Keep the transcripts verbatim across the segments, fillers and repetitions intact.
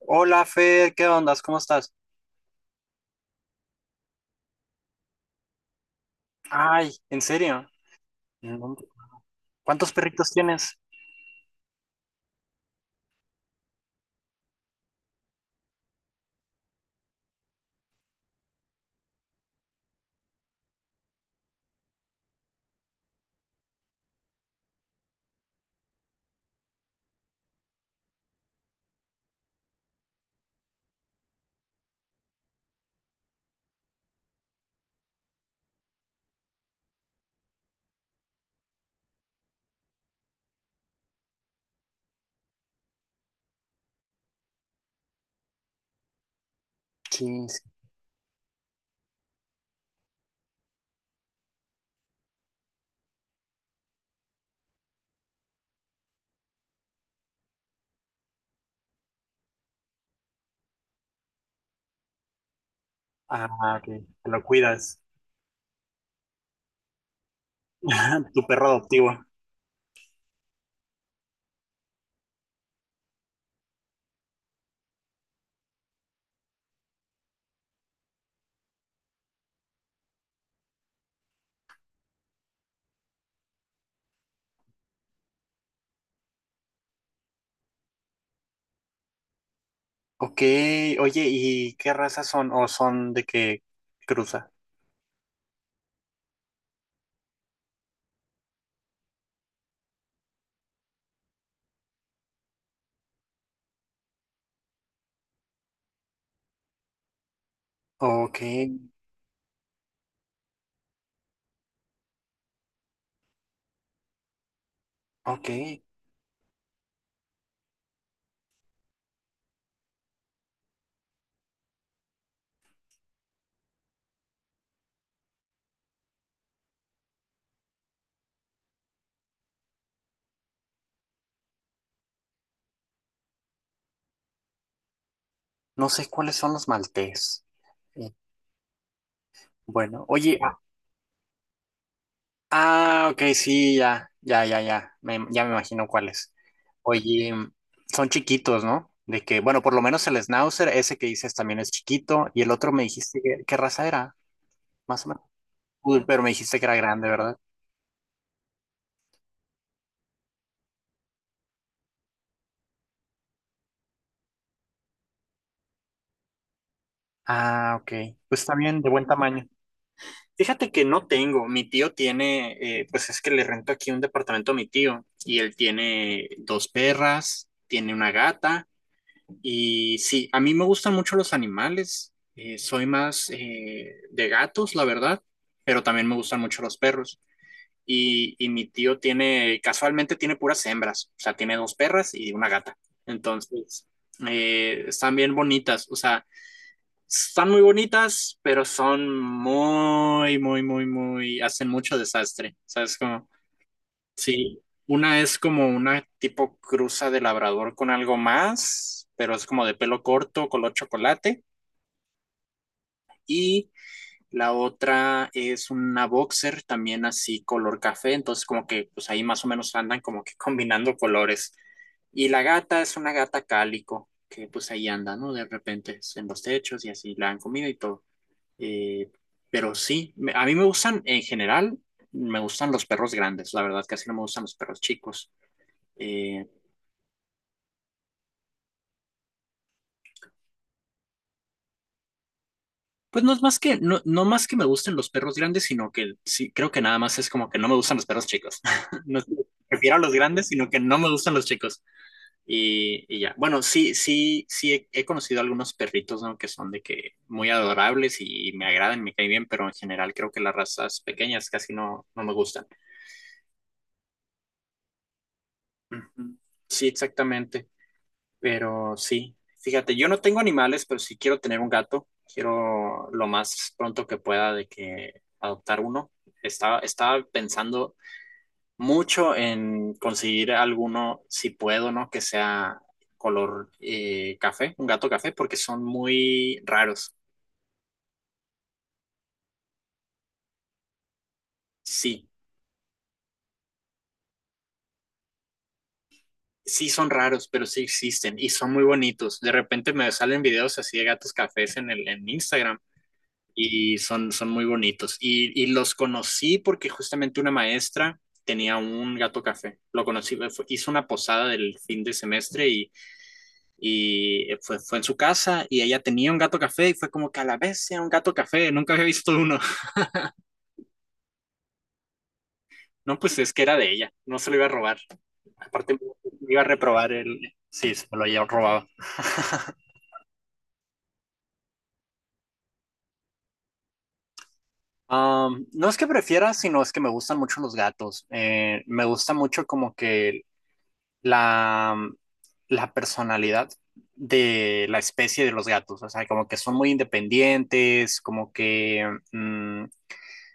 Hola, Fer, ¿qué ondas? ¿Cómo estás? Ay, ¿en serio? No. ¿Cuántos perritos tienes? Quince. Ah, ok, te lo cuidas. Tu perro adoptivo. Ok, oye, ¿y qué razas son? ¿O son de qué cruza? Ok, ok. No sé cuáles son los maltés. Eh, Bueno, oye, ah, ok, sí, ya, ya, ya, ya, me- ya me imagino cuáles. Oye, son chiquitos, ¿no? De que, bueno, por lo menos el Schnauzer, ese que dices también es chiquito, y el otro me dijiste que, ¿qué raza era? Más o menos. Uy, pero me dijiste que era grande, ¿verdad? Ah, ok, pues está bien, de buen tamaño. Fíjate que no tengo, mi tío tiene, eh, pues es que le rento aquí un departamento a mi tío, y él tiene dos perras, tiene una gata. Y sí, a mí me gustan mucho los animales. eh, soy más eh, de gatos, la verdad, pero también me gustan mucho los perros. Y, y mi tío tiene, casualmente tiene puras hembras, o sea, tiene dos perras y una gata. Entonces, eh, están bien bonitas, o sea, están muy bonitas, pero son muy, muy, muy, muy, hacen mucho desastre. ¿Sabes cómo? Sí, una es como una tipo cruza de labrador con algo más, pero es como de pelo corto, color chocolate. Y la otra es una boxer también así color café, entonces como que pues ahí más o menos andan como que combinando colores. Y la gata es una gata cálico, que pues ahí anda, ¿no? De repente en los techos y así la han comido y todo. Eh, pero sí, me- a mí me gustan en general, me gustan los perros grandes, la verdad casi no me gustan los perros chicos. Eh, Pues no es más que, no, no más que me gusten los perros grandes, sino que sí, creo que nada más es como que no me gustan los perros chicos. No es que prefiero a los grandes, sino que no me gustan los chicos. Y, y ya. Bueno, sí, sí, sí he, he conocido algunos perritos, ¿no? Que son de que muy adorables y, me agradan, me caen bien, pero en general creo que las razas pequeñas casi no, no me gustan. Ujú. Sí, exactamente. Pero sí, fíjate, yo no tengo animales, pero sí quiero tener un gato. Quiero lo más pronto que pueda de que adoptar uno. Estaba, estaba pensando mucho en conseguir alguno, si puedo, ¿no? Que sea color eh, café, un gato café, porque son muy raros. Sí, sí son raros, pero sí existen y son muy bonitos. De repente me salen videos así de gatos cafés en el, en Instagram. Y son, son muy bonitos. Y, y los conocí porque justamente una maestra tenía un gato café. Lo conocí, fue- hizo una posada del fin de semestre y, y eh, fue, fue en su casa y ella tenía un gato café y fue como que a la vez sea un gato café, nunca había visto uno. No, pues es que era de ella, no se lo iba a robar. Aparte, me iba a reprobar el... Sí, se me lo había robado. Um, no es que prefiera, sino es que me gustan mucho los gatos. Eh, me gusta mucho como que la, mm, la personalidad de la especie de los gatos. O sea, como que son muy independientes, como que mm,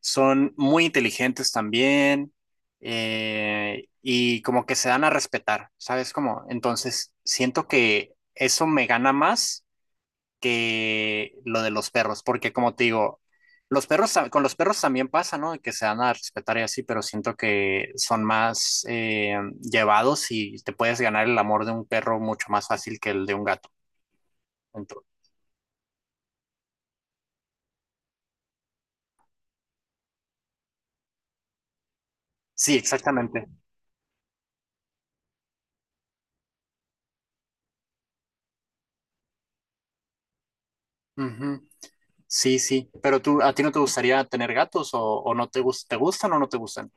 son muy inteligentes también. eh, y como que se dan a respetar, ¿sabes? Como, entonces siento que eso me gana más que lo de los perros, porque como te digo, los perros, con los perros también pasa, ¿no? Que se dan a respetar y así, pero siento que son más eh, llevados y te puedes ganar el amor de un perro mucho más fácil que el de un gato. Entonces, sí, exactamente. Ujú. Sí, sí. Pero tú, ¿a ti no te gustaría tener gatos o, o no te, gus- te gustan o no te gustan?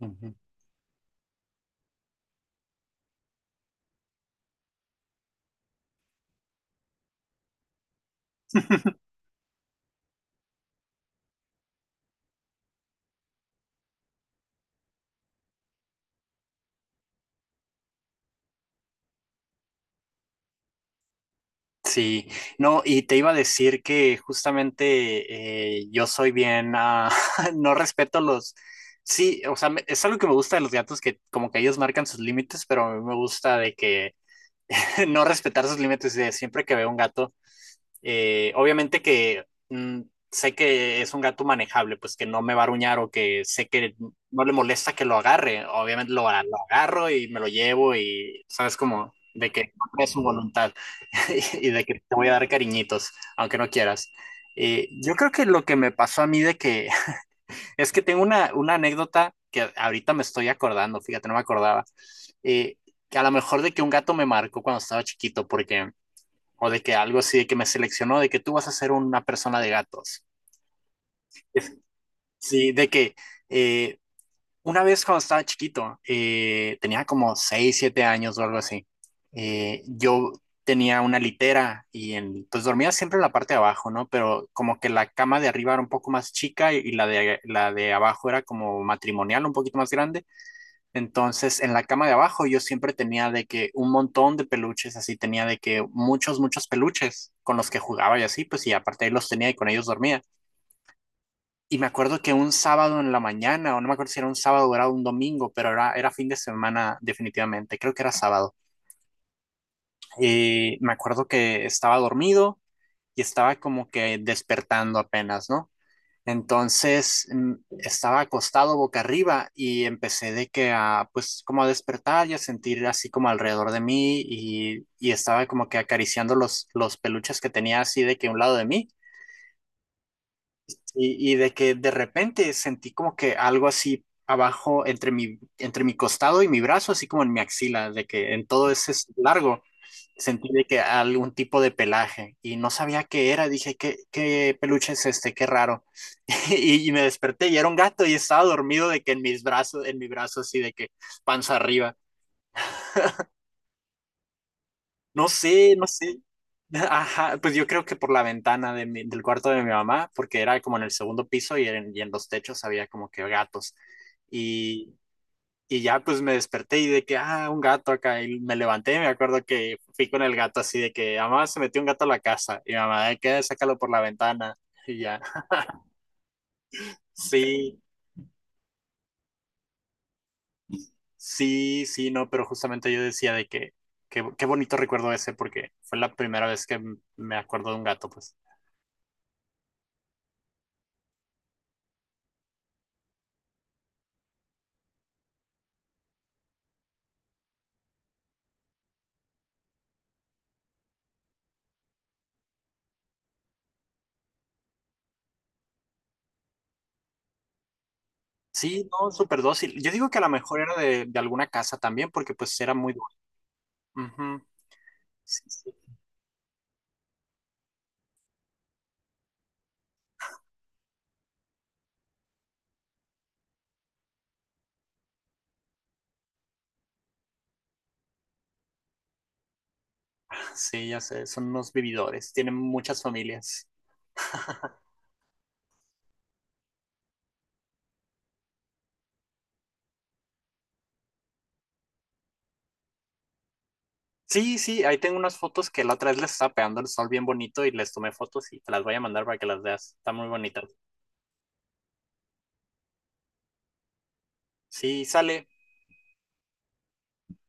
Ujú. Sí, no, y te iba a decir que justamente eh, yo soy bien, ah, no respeto los, sí, o sea, me- es algo que me gusta de los gatos, que como que ellos marcan sus límites, pero a mí me gusta de que no respetar sus límites, de siempre que veo un gato eh, obviamente que mm, sé que es un gato manejable, pues que no me va a aruñar o que sé que no le molesta que lo agarre. Obviamente lo, a- lo agarro y me lo llevo y sabes como de que no es su voluntad y de que te voy a dar cariñitos, aunque no quieras. Eh, yo creo que lo que me pasó a mí de que es que tengo una, una anécdota que ahorita me estoy acordando, fíjate, no me acordaba, eh, que a lo mejor de que un gato me marcó cuando estaba chiquito, porque o de que algo así, de que me seleccionó, de que tú vas a ser una persona de gatos. Sí, de que eh, una vez cuando estaba chiquito, eh, tenía como seis siete años o algo así, eh, yo tenía una litera y en- pues dormía siempre en la parte de abajo, ¿no? Pero como que la cama de arriba era un poco más chica y, y la de, la de abajo era como matrimonial, un poquito más grande. Entonces, en la cama de abajo yo siempre tenía de que un montón de peluches, así tenía de que muchos, muchos peluches con los que jugaba y así, pues y aparte ahí los tenía y con ellos dormía. Y me acuerdo que un sábado en la mañana, o no me acuerdo si era un sábado o era un domingo, pero era, era fin de semana definitivamente, creo que era sábado. Y me acuerdo que estaba dormido y estaba como que despertando apenas, ¿no? Entonces mm, estaba acostado boca arriba y empecé de que a, pues como a despertar y a sentir así como alrededor de mí y, y estaba como que acariciando los, los peluches que tenía así de que a un lado de mí y, y de que de repente sentí como que algo así abajo entre mi, entre mi costado y mi brazo, así como en mi axila, de que en todo ese largo sentí de que algún tipo de pelaje y no sabía qué era. Dije, ¿qué, qué peluche es este? Qué raro. Y, y me desperté y era un gato y estaba dormido de que en mis brazos, en mi brazo así de que panza arriba. No sé, no sé. Ajá, pues yo creo que por la ventana de mi- del cuarto de mi mamá, porque era como en el segundo piso y en, y en los techos había como que gatos. Y, y ya pues me desperté y de que, ah, un gato acá. Y me levanté, y me acuerdo que fui con el gato así de que, "Ah, mamá, se metió un gato a la casa." Y mi mamá, de que "Ah, sácalo por la ventana." Y ya. Sí, sí, sí, no, pero justamente yo decía de que, que- qué bonito recuerdo ese, porque fue la primera vez que m- me acuerdo de un gato, pues. Sí, no, súper dócil. Yo digo que a lo mejor era de, de alguna casa también, porque pues era muy duro. Ujú. Sí, sí. Sí, ya sé, son unos vividores, tienen muchas familias. Sí, sí, ahí tengo unas fotos que la otra vez les estaba pegando el sol bien bonito y les tomé fotos y te las voy a mandar para que las veas. Están muy bonitas. Sí, sale.